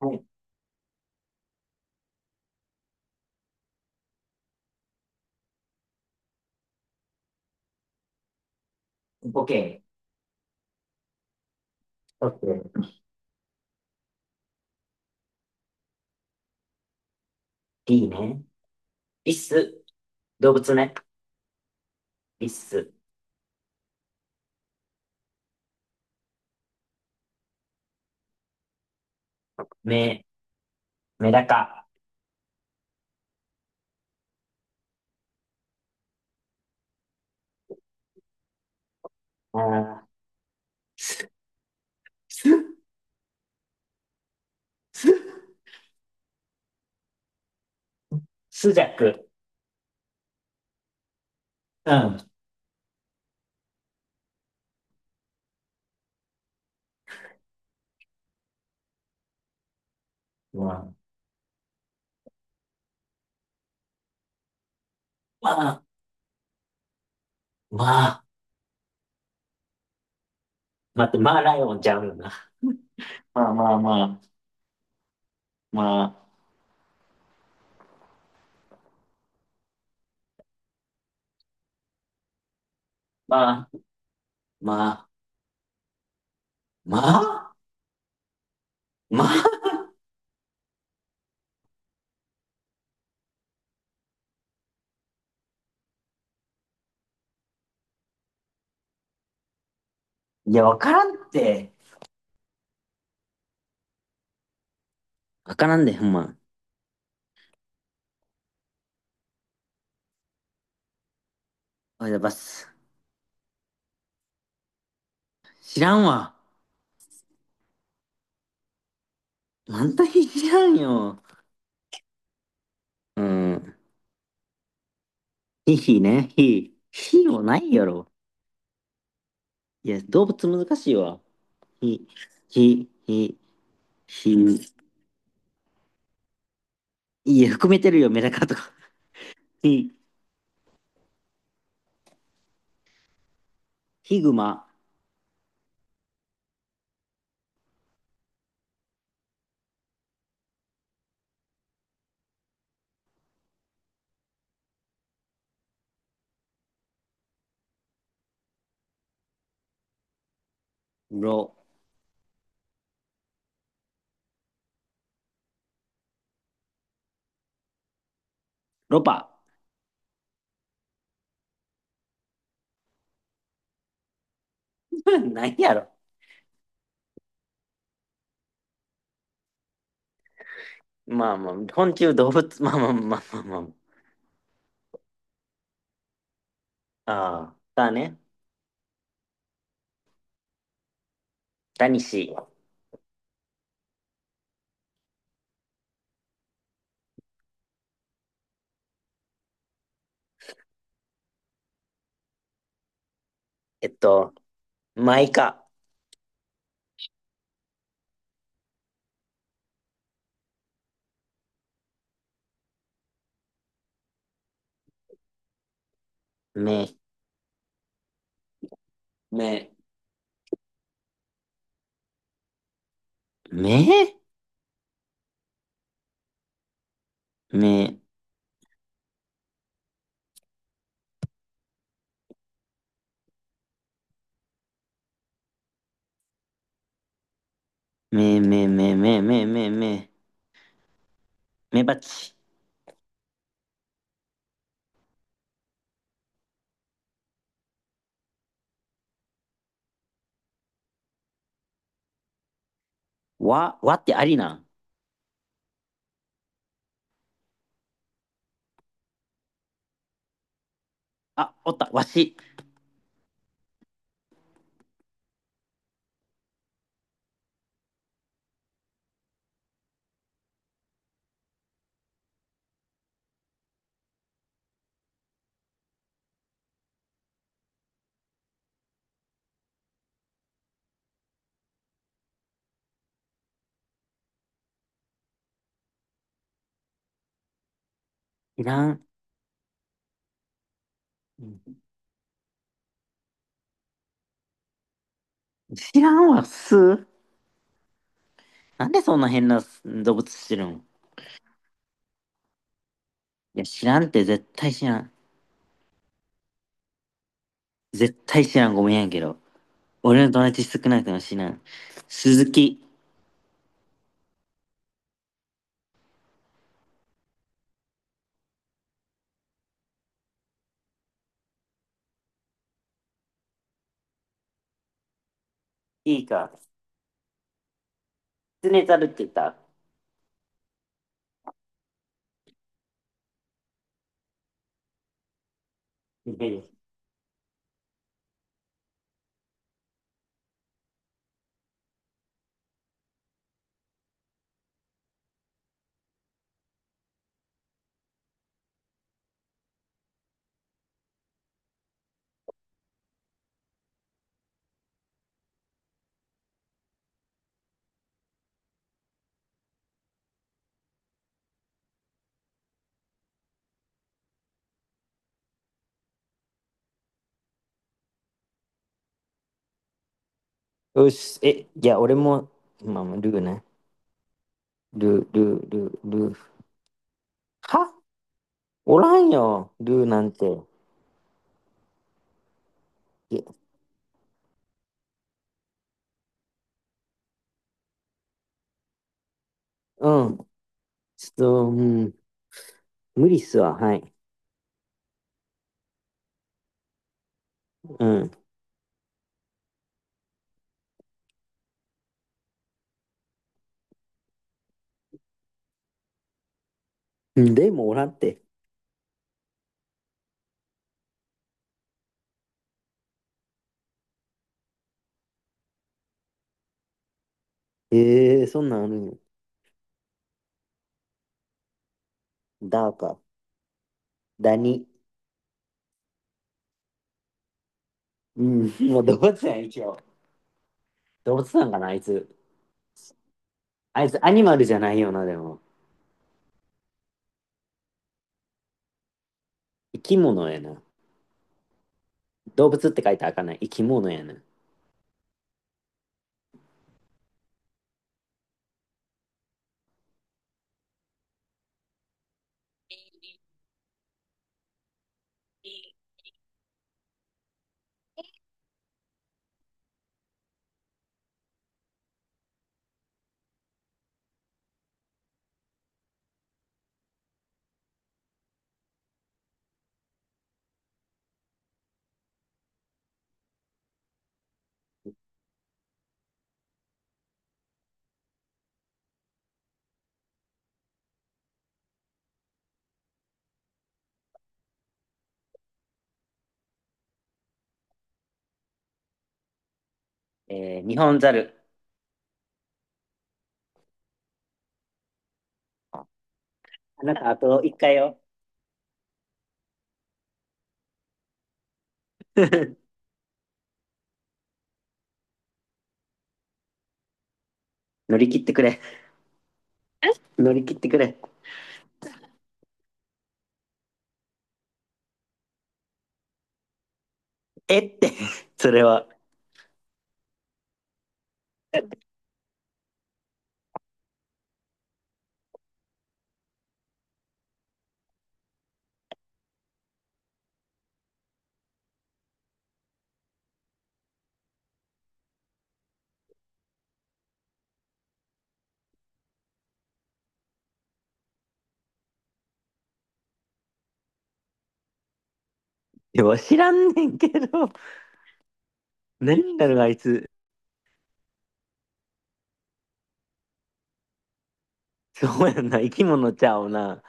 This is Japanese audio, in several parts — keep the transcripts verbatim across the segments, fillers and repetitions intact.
はい、ボケ。OK。D ね。リス、動物ね。リス、メ、メダカ、あー、ス、ススジャク。うん。まあ、まあ、まあ、待って、まあライオンちゃうよな。まあまあまあ、まあ、まあ、まあ、まあ、まあ。いや、わからんって。わからんで、ほんま。おいだばす。知らんわ。なんとひ知らんよ。うん。ひひね、ひ。ひもないやろ。いや、動物難しいわ。ひ、ひ、ひ、ひ、いや、含めてるよ、メダカとか。ひ、ヒグマ、ロ、ロパ。何やろ。まあまあ、昆虫動物、まあまあまあまあまあ。ああ、だね。タニシ、えっと、マイカ、メ、メ、メ、メ、メ、メ、メ、メ、メ、メ、メ、メバチ。わ、わってありなん？あ、おった、わし。いらん。知らんわ、す。なんでそんな変な動物してるん？いや、知らんって、絶対知らん。絶対知らん、ごめんやけど。俺の友達少なくても知らん。鈴木。いいか。キツネザルって言った。うん。よし、え、いや、俺も、まあ、ルーね。ルー、ルー、ルー、ルー。は、おらんよ、ルーなんて。いや、うん、ちょっと、うん、無理っすわ、はい。うん。うんでもおらんって。ええー、そんなんあるんよ。ダーか、ダニ。うん、もう動物やん、一応。動物なんかな、あいつ。あいつアニマルじゃないよな、でも。生き物やな。動物って書いてあかんない？生き物やな。えー、日本ザル。あなた、あといっかいよ。乗り切ってくれ。乗り切ってくれ。えって、それは。でも知らんねんけど、何だろう、あいつ。そうやんな、生き物ちゃうな。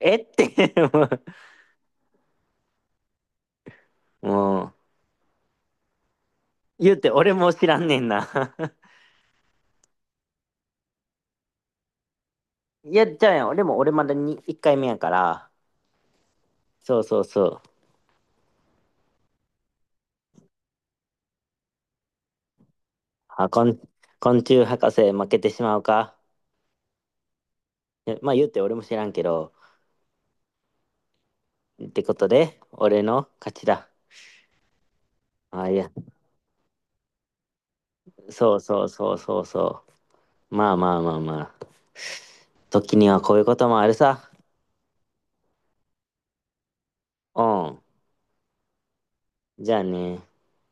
えって、もう言うて俺も知らんねんな。いや、ちゃうやん。俺も俺まだにいっかいめやから。そうそうそう。あ、こん昆虫博士負けてしまうか。え、まあ言うて俺も知らんけど。ってことで、俺の勝ちだ。ああ、いや、そうそうそうそうそう。まあまあまあまあ。時にはこういうこともあるさ。うん。じゃあね。